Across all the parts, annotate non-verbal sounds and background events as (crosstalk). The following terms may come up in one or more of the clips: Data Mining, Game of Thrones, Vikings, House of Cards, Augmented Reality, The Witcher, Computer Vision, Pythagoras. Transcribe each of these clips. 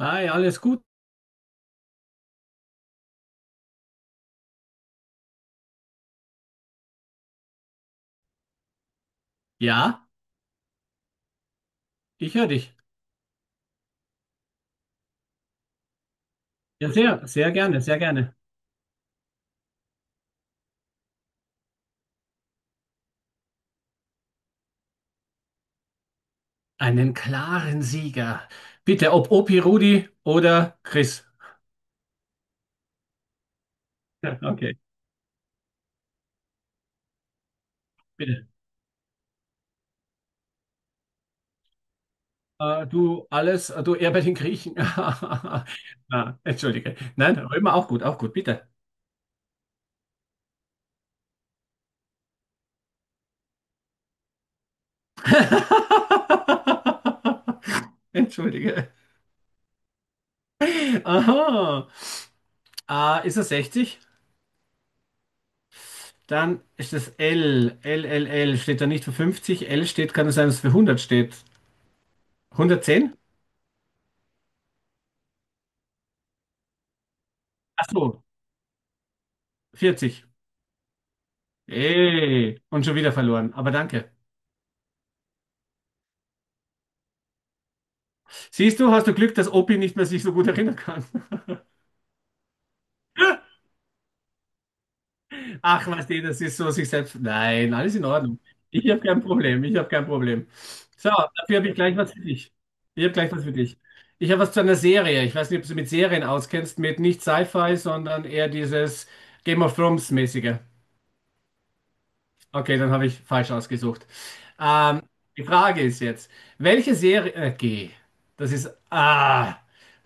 Hi, alles gut? Ja, ich höre dich. Ja, sehr, sehr gerne, sehr gerne. Einen klaren Sieger. Bitte, ob Opi, Rudi oder Chris. Ja, Okay, bitte. Du alles, du eher bei den Griechen. (laughs) Ah, entschuldige. Nein, Römer auch gut, bitte. (laughs) Entschuldige. Aha. Ah, ist er 60? Dann ist das L. L steht da nicht für 50. L steht, kann es sein, dass es für 100 steht. 110? Ach so. 40. Ey, und schon wieder verloren, aber danke. Siehst du, hast du Glück, dass Opi nicht mehr sich so gut erinnern kann. (laughs) Ach, was die, das ist so sich selbst. Nein, alles in Ordnung. Ich habe kein Problem. So, dafür habe ich gleich was für dich. Ich habe gleich was für dich. Ich habe was zu einer Serie. Ich weiß nicht, ob du mit Serien auskennst, mit nicht Sci-Fi, sondern eher dieses Game of Thrones-mäßige. Okay, dann habe ich falsch ausgesucht. Ähm, die Frage ist jetzt, welche Serie, G, das ist, ah,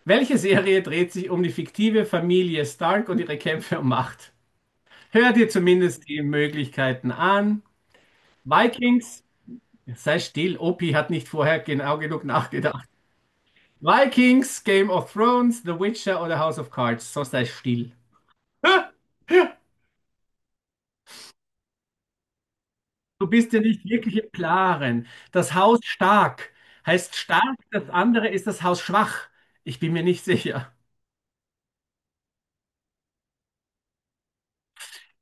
welche Serie dreht sich um die fiktive Familie Stark und ihre Kämpfe um Macht? Hör dir zumindest die Möglichkeiten an. Vikings, sei still, Opi hat nicht vorher genau genug nachgedacht. Vikings, Game of Thrones, The Witcher oder House of Cards, sonst sei still. (laughs) Du bist ja nicht wirklich im Klaren. Das Haus stark heißt stark, das andere ist das Haus schwach. Ich bin mir nicht sicher.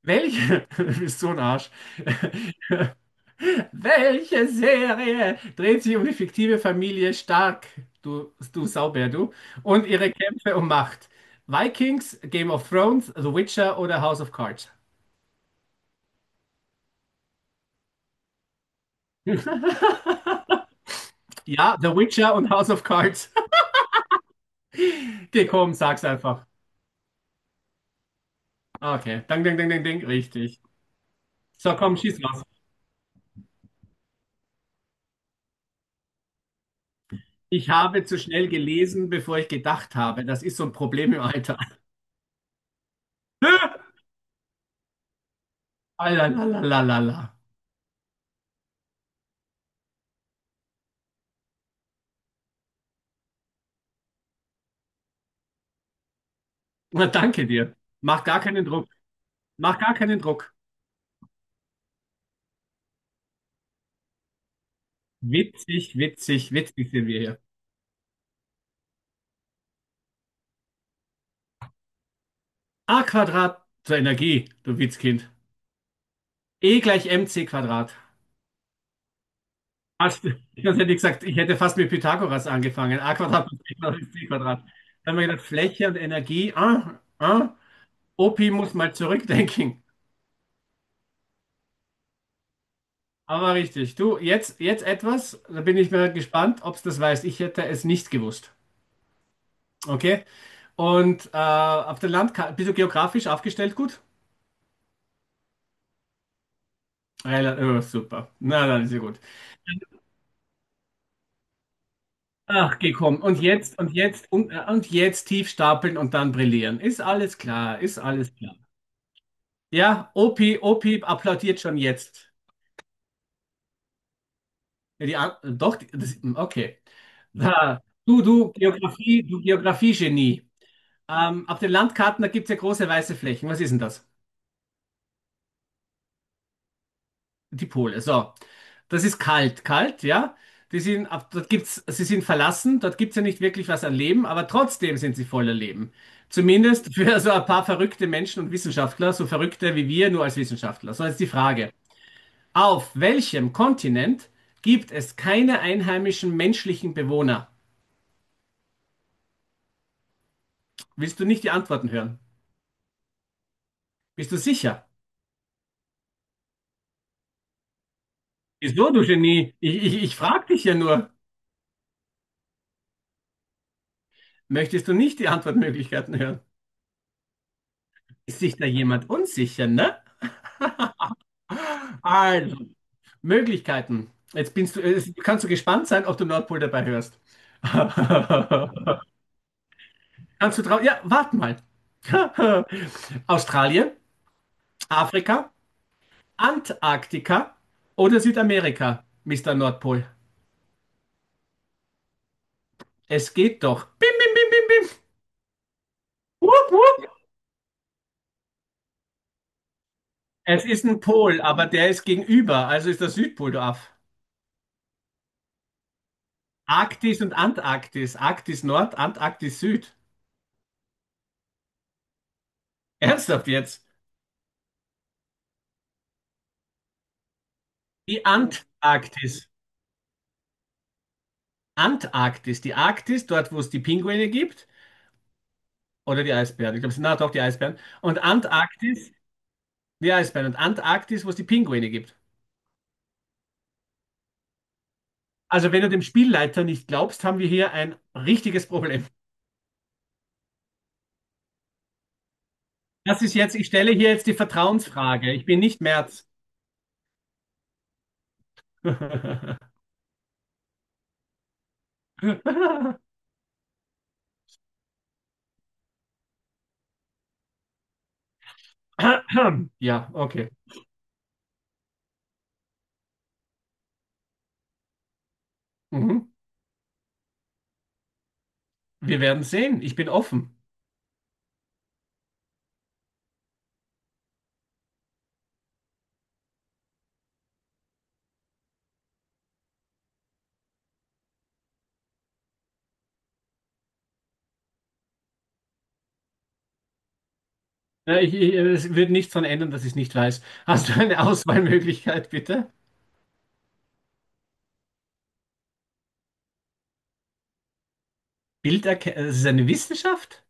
Welche? (laughs) Du bist so ein Arsch. (laughs) Welche Serie dreht sich um die fiktive Familie Stark, du Saubär, du, und ihre Kämpfe um Macht? Vikings, Game of Thrones, The Witcher oder House of Cards? Ja, The Witcher und House of Cards. (laughs) Geh, komm, sag's einfach. Okay, dang, dang, dang, dang, dang, richtig. So, komm, schieß los. Ich habe zu schnell gelesen, bevor ich gedacht habe. Das ist so ein Problem im Alter. (laughs) Alalalala. Na, danke dir. Mach gar keinen Druck. Mach gar keinen Druck. Witzig, witzig, witzig sind wir hier. A Quadrat zur Energie, du Witzkind. E gleich mc Quadrat. Hast du- Ich hätte gesagt, ich hätte fast mit Pythagoras angefangen. A Quadrat plus B Quadrat ist C Quadrat. Dann haben wir gedacht, Fläche und Energie. Ah, ah. Opi muss mal zurückdenken. Aber richtig. Du, jetzt, jetzt etwas, da bin ich mal gespannt, ob du das weißt. Ich hätte es nicht gewusst. Okay? Und auf dem Land ka- bist du geografisch aufgestellt gut? Rela- Oh, super. Na, dann ist ja gut. Ach, gekommen. Und jetzt, und jetzt, und jetzt tief stapeln und dann brillieren. Ist alles klar, ist alles klar. Ja, Opi, Opi applaudiert schon jetzt. Ja, die, an- doch, die- das, hm, okay. Da, Geografie, du Geografie-Genie. Auf den Landkarten, da gibt es ja große weiße Flächen. Was ist denn das? Die Pole, so. Das ist kalt, kalt, ja. Die sind, ab- dort gibt's, sie sind verlassen, dort gibt es ja nicht wirklich was an Leben, aber trotzdem sind sie voller Leben. Zumindest für so ein paar verrückte Menschen und Wissenschaftler, so verrückte wie wir, nur als Wissenschaftler. So jetzt die Frage. Auf welchem Kontinent gibt es keine einheimischen menschlichen Bewohner? Willst du nicht die Antworten hören? Bist du sicher? Wieso, du Genie? Ich frage dich ja nur. Möchtest du nicht die Antwortmöglichkeiten hören? Ist sich da jemand unsicher, ne? Also, Möglichkeiten. Jetzt binst du, jetzt kannst du gespannt sein, ob du Nordpol dabei hörst. (laughs) Kannst du drauf? Ja, warte mal. (laughs) Australien, Afrika, Antarktika oder Südamerika, Mister Nordpol. Es geht doch. Bim, bim, bim, bim, bim. Wupp, wupp. Es ist ein Pol, aber der ist gegenüber, also ist der Südpol, du Aff. Arktis und Antarktis. Arktis Nord, Antarktis Süd. Ernsthaft jetzt? Die Antarktis. Antarktis. Die Arktis, dort, wo es die Pinguine gibt, oder die Eisbären. Ich glaube, es sind, na doch, die Eisbären. Und Antarktis, die Eisbären. Und Antarktis, wo es die Pinguine gibt. Also, wenn du dem Spielleiter nicht glaubst, haben wir hier ein richtiges Problem. Das ist jetzt, ich stelle hier jetzt die Vertrauensfrage. Ich bin nicht Merz. (laughs) Ja, okay. Mhm. Wir werden sehen. Ich bin offen. Ja, es wird nichts daran ändern, dass ich es nicht weiß. Hast du eine (laughs) Auswahlmöglichkeit, bitte? Bilderkennung, das ist eine Wissenschaft?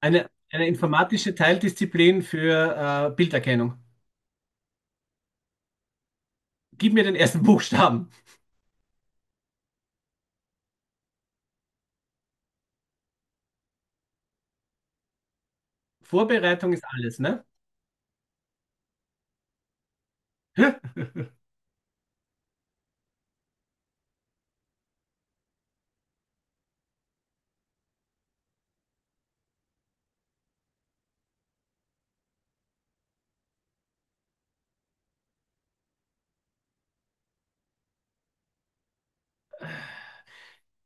Eine informatische Teildisziplin für Bilderkennung. Gib mir den ersten (laughs) Buchstaben. Vorbereitung ist alles, ne?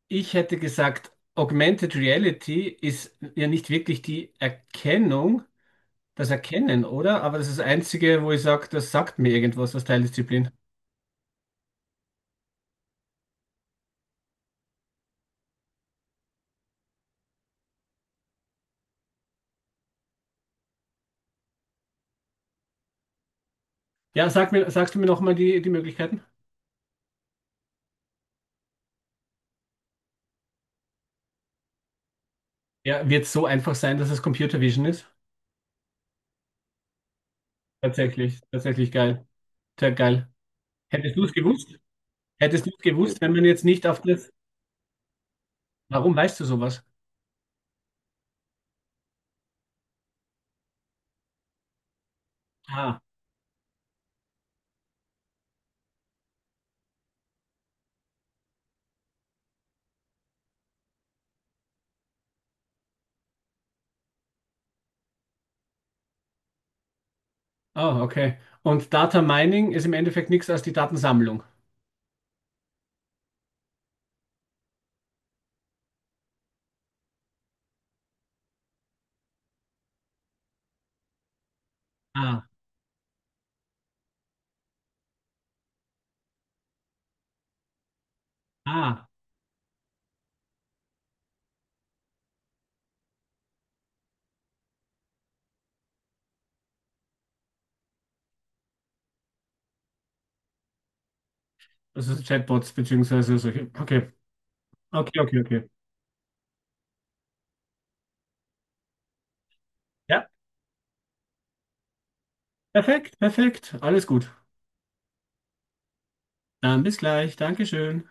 Ich hätte gesagt, Augmented Reality ist ja nicht wirklich die Erkennung, das Erkennen, oder? Aber das ist das Einzige, wo ich sage, das sagt mir irgendwas, das Teildisziplin. Ja, sag mir, sagst du mir nochmal die Möglichkeiten? Ja, wird so einfach sein, dass es Computer Vision ist? Tatsächlich, tatsächlich geil. Sehr geil. Hättest du es gewusst? Hättest du es gewusst, wenn man jetzt nicht auf das. Warum weißt du sowas? Ah. Ah, okay. Und Data Mining ist im Endeffekt nichts als die Datensammlung. Ah, ah, das ist Chatbots beziehungsweise solche. Okay, okay, okay, okay. Ja, perfekt, perfekt. Alles gut. Dann bis gleich. Dankeschön.